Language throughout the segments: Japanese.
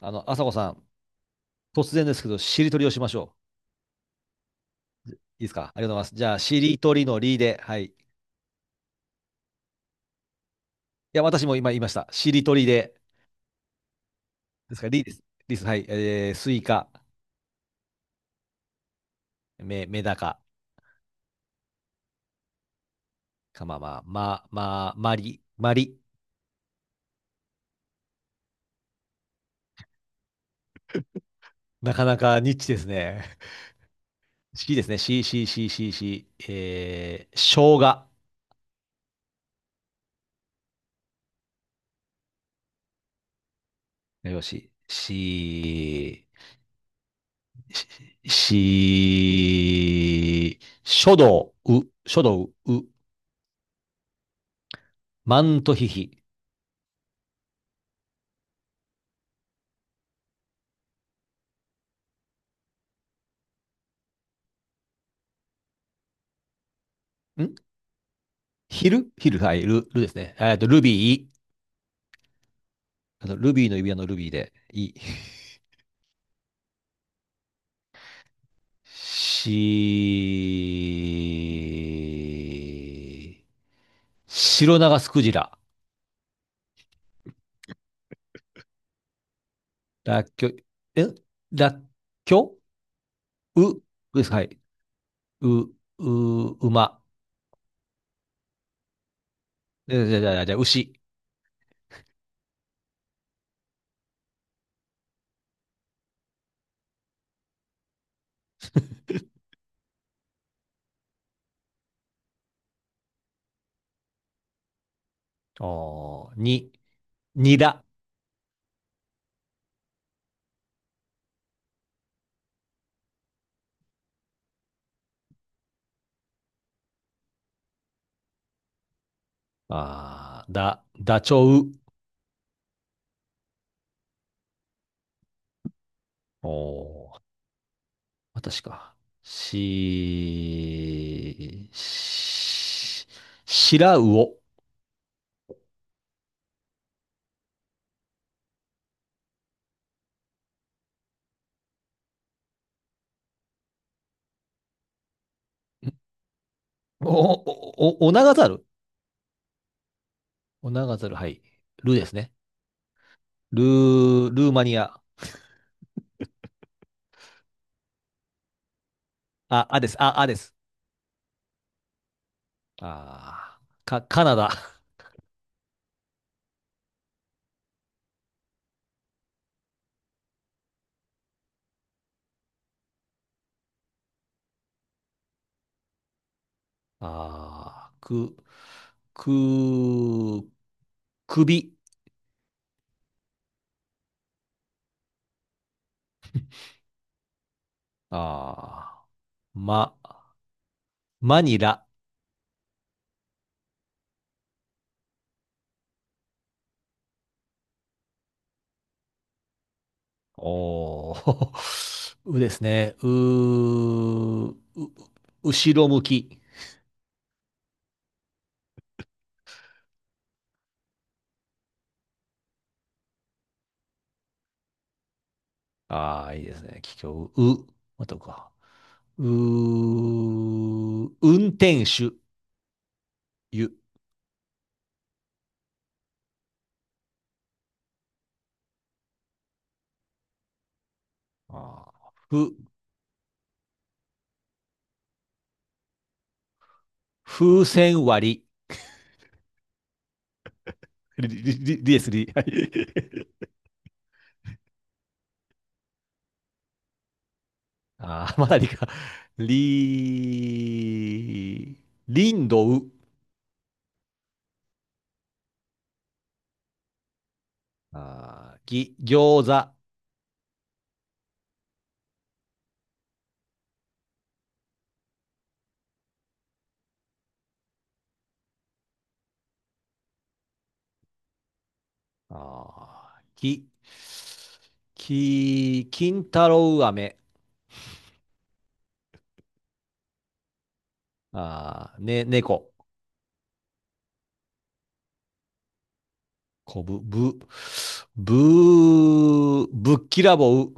朝子さん、突然ですけど、しりとりをしましょう。いいですか？ありがとうございます。じゃあ、しりとりのりで、はい。いや、私も今言いました。しりとりで、ですか、りです。りです。はい。スイカ、メ、メダカ、カママ、ま、ま、マリ、マリ。なかなかニッチですね。しですね。し、し、し、し、し、生姜。よし。し、し、し書道、う、書道、う、マントヒヒ。んヒルヒル、はい、ル、ルですね。ルビー、あの、ルビーの指輪のルビーで、い、し、白長スクジラ、ラッキョえらっきょうですか、はい。う、う、馬、じゃじゃじゃじゃ牛、おーに、にだ、あーだ、ダチョウ、おー私か。し、し、しらうお。お、お、お、お長猿。お長るはい。ルーですね。ルー、ルーマニア。あ、あです。あ、あです。あー、か、カナダ。あー、く、く、首。あー、ま、マニラ。おー、うですね。う、う、後ろ向き。ああ、いいですね。桔梗、う、またうか。う、運転手、ゆ。ああ、ふ、風船割り。り、り、り、りです、り。はい。ああ、まだりか。り、りんどう。ああ、ぎ、餃子。ああ、き、き、金太郎飴。ああ、ね、猫。こぶ、ぶ、ぶ、ぶっきらぼう、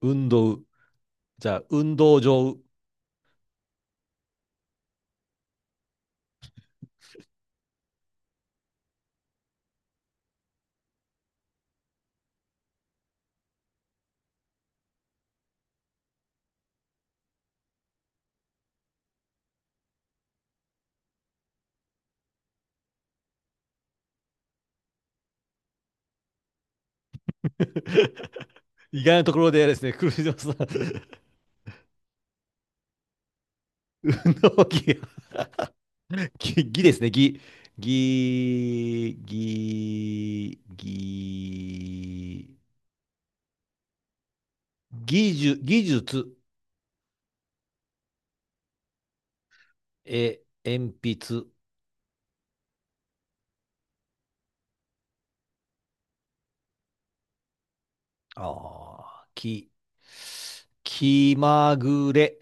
運動う、じゃあ、運動場う。意外なところでですね、クルーズさん、運動ぎ、ぎ、ぎですね、ぎ、ぎ、ぎ、ぎ、技術、技術、え、鉛筆、あーき、気まぐれ、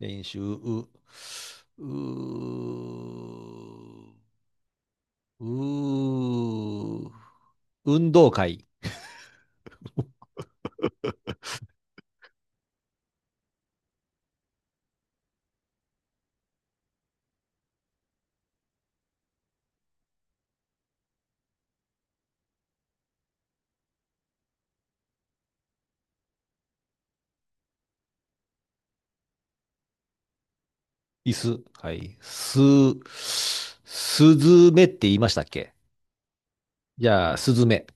練習、う、うー、うー、運動会、椅子、はい、す、すずめって言いましたっけ？じゃあ、すずめ、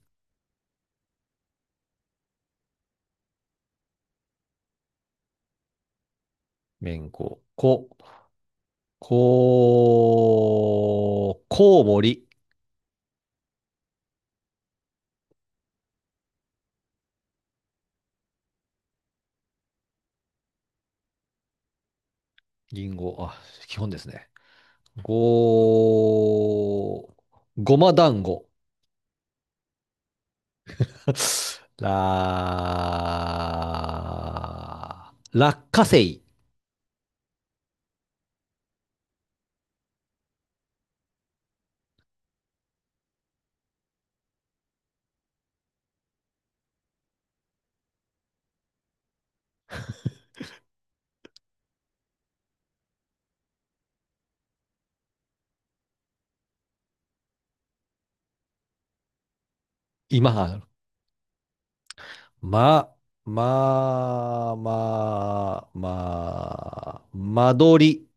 めんこ、こ、こ、こうもり、りんご、あ、基本ですね。ご、ごま団子、ら、落花生、今、ま、まあ、まあ、まあ、間取り。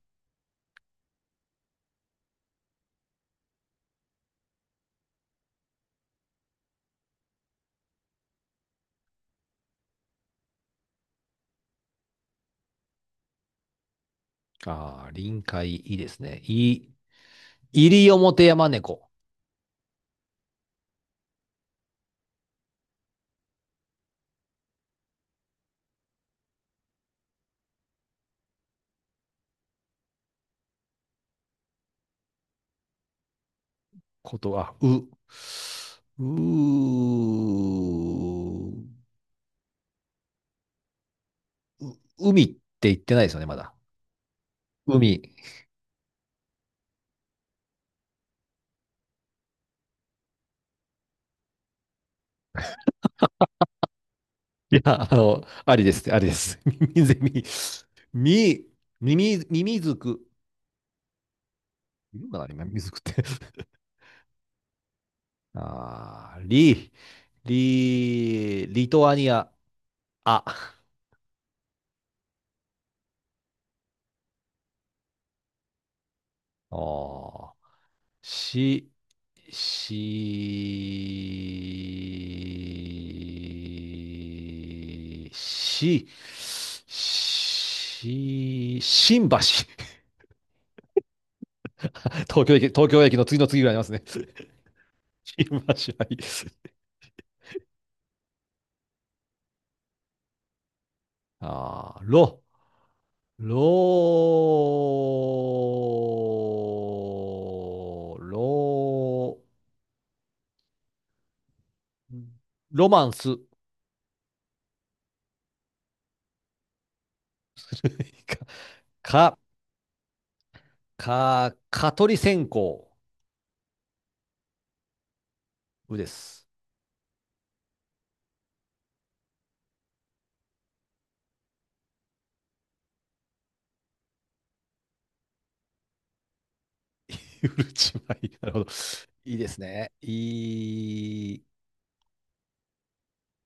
ああ、臨海、いいですね。い、西表山猫。こと、はう、う、う、海って言ってないですよね、まだ。海。いや、ありですって、ありです。耳ゼミ。み、耳、耳づく。いるんだな、今、耳づくって。ああ、り、リ、リトアニア。あ、ああしし、し、し、し、新橋。東京駅、東京駅の次の次ぐらいありますね。新橋、はい。ああ、ろ、ろ、ろ、ロマンス。か、か、蚊取り線香うです。うるち米。なるほど。いいですね。い